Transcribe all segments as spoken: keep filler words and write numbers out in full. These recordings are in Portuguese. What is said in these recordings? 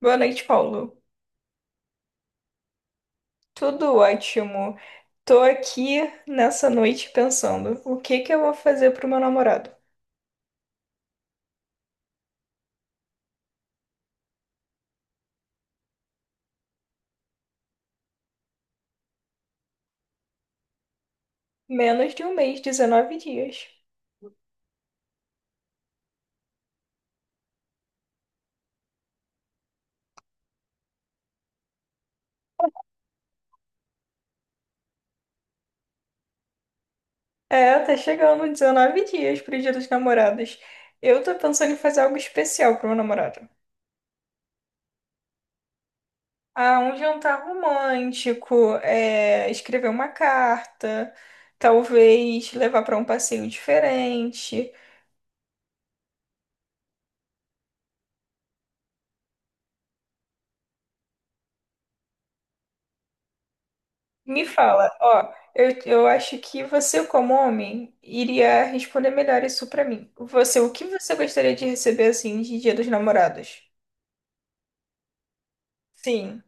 Boa noite, Paulo. Tudo ótimo. Tô aqui nessa noite pensando, o que que eu vou fazer pro meu namorado? Menos de um mês, dezenove dias. É, tá chegando dezenove dias pro Dia dos Namorados. Eu tô pensando em fazer algo especial pro meu namorado. Ah, um jantar romântico, é, escrever uma carta, talvez levar pra um passeio diferente. Me fala, ó, eu, eu acho que você, como homem, iria responder melhor isso pra mim. Você, o que você gostaria de receber assim de Dia dos Namorados? Sim.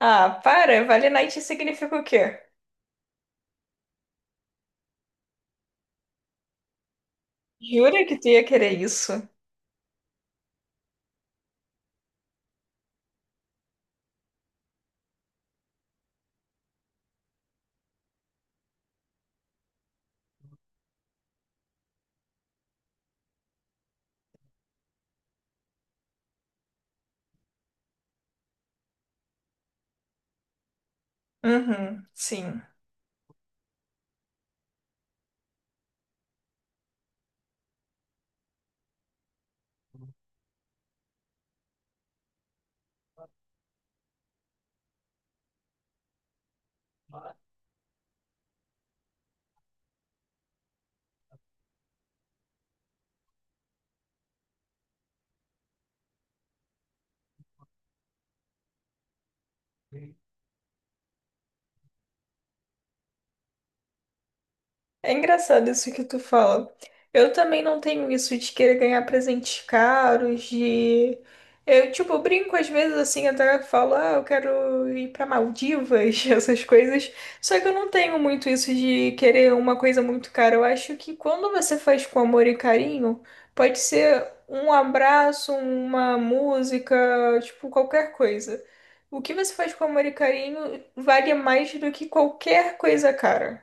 Ah, para, Vale Night significa o quê? Jura que tu ia querer isso? Uhum, sim. É engraçado isso que tu fala. Eu também não tenho isso de querer ganhar presentes caros, de... Eu, tipo, brinco às vezes assim, até falo, ah, eu quero ir pra Maldivas, essas coisas. Só que eu não tenho muito isso de querer uma coisa muito cara. Eu acho que quando você faz com amor e carinho, pode ser um abraço, uma música, tipo, qualquer coisa. O que você faz com amor e carinho vale mais do que qualquer coisa cara.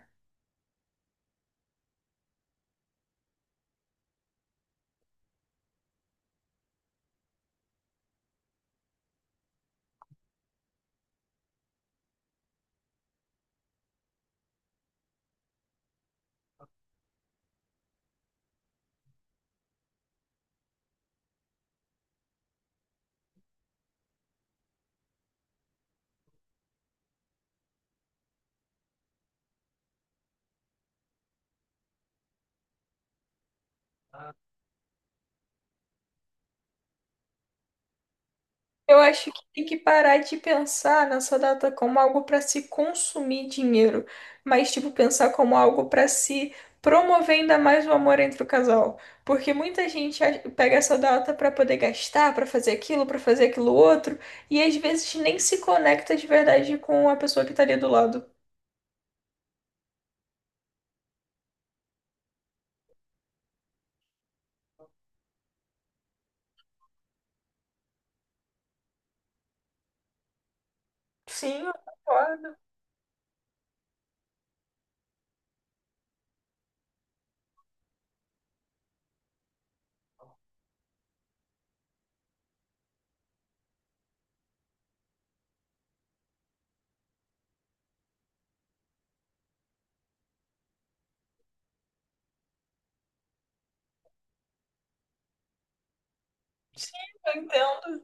Eu acho que tem que parar de pensar nessa data como algo para se consumir dinheiro, mas tipo pensar como algo para se promover ainda mais o amor entre o casal, porque muita gente a- pega essa data para poder gastar, para fazer aquilo, para fazer aquilo outro, e às vezes nem se conecta de verdade com a pessoa que tá ali do lado. Sim, eu concordo. Sim, eu entendo.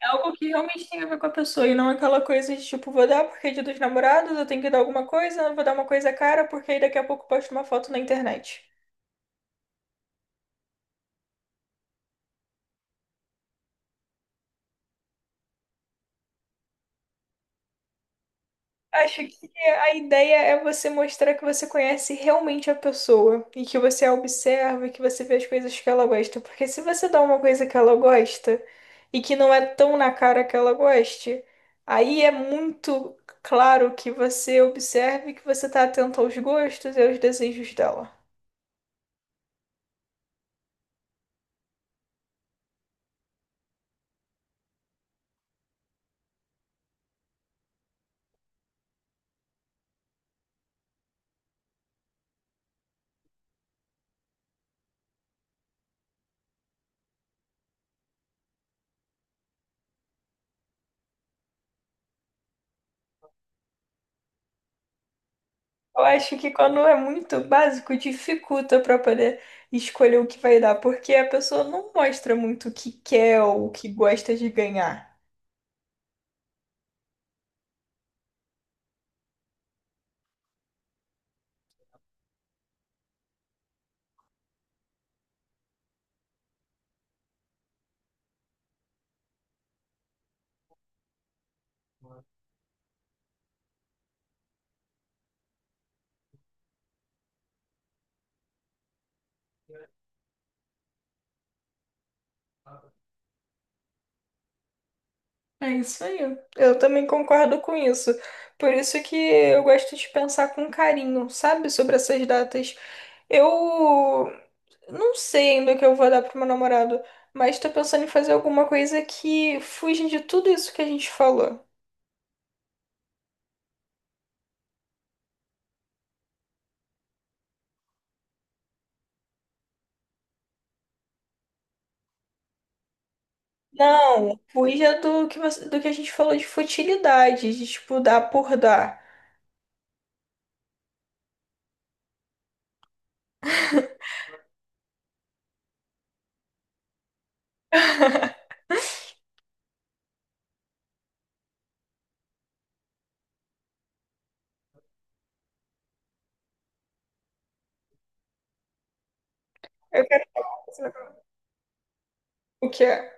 É algo que realmente tem a ver com a pessoa e não é aquela coisa de tipo, vou dar porque é dia dos namorados, eu tenho que dar alguma coisa, vou dar uma coisa cara, porque aí daqui a pouco eu posto uma foto na internet. Acho que a ideia é você mostrar que você conhece realmente a pessoa e que você a observa e que você vê as coisas que ela gosta. Porque se você dá uma coisa que ela gosta e que não é tão na cara que ela goste, aí é muito claro que você observe que você está atento aos gostos e aos desejos dela. Eu acho que quando é muito básico, dificulta para poder escolher o que vai dar, porque a pessoa não mostra muito o que quer ou o que gosta de ganhar. É isso aí. Eu também concordo com isso. Por isso que eu gosto de pensar com carinho, sabe, sobre essas datas. Eu não sei ainda o que eu vou dar pro meu namorado, mas tô pensando em fazer alguma coisa que fuja de tudo isso que a gente falou. Não, fuja do que você- do que a gente falou de futilidade, de tipo dar por dar. Eu quero fazer, o que é?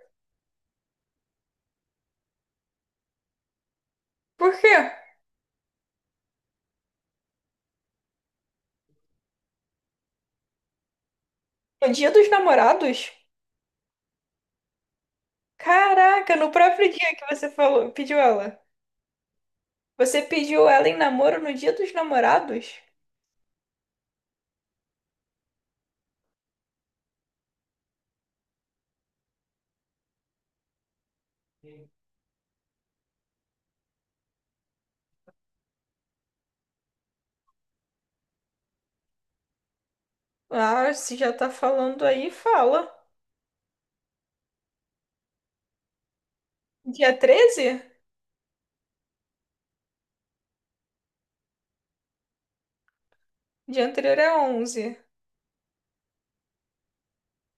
Por quê? No dia dos namorados? Caraca, no próprio dia que você falou, pediu ela. Você pediu ela em namoro no Dia dos Namorados? Ah, se já tá falando aí, fala. Dia treze? Dia anterior é onze.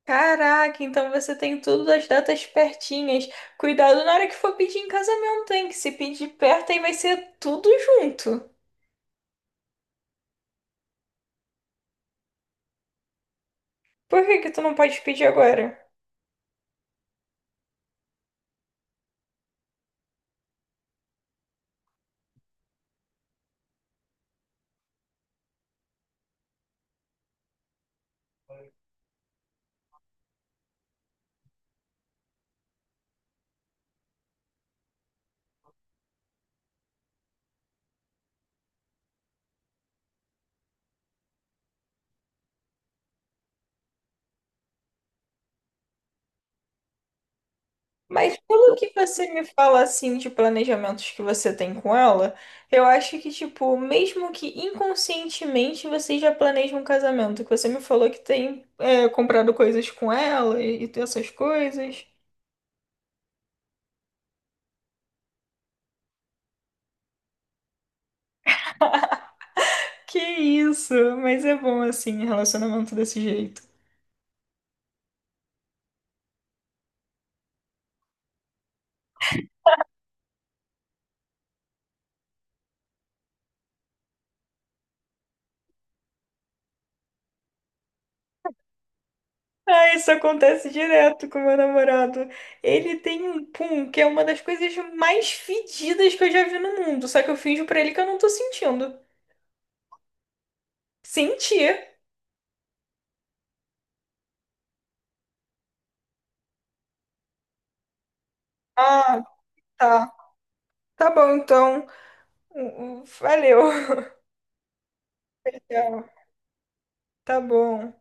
Caraca, então você tem tudo das datas pertinhas. Cuidado na hora que for pedir em casamento, hein? Que se pedir perto aí vai ser tudo junto. Por que que tu não pode pedir agora? Mas pelo que você me fala assim de planejamentos que você tem com ela, eu acho que, tipo, mesmo que inconscientemente você já planeja um casamento, que você me falou que tem é, comprado coisas com ela e, e essas coisas. Que isso, mas é bom assim, relacionamento desse jeito. Ah, isso acontece direto com meu namorado. Ele tem um pum, que é uma das coisas mais fedidas que eu já vi no mundo, só que eu finjo pra ele que eu não tô sentindo. Sentir. Ah, tá. Tá bom, então. Valeu. Tchau. Tá bom.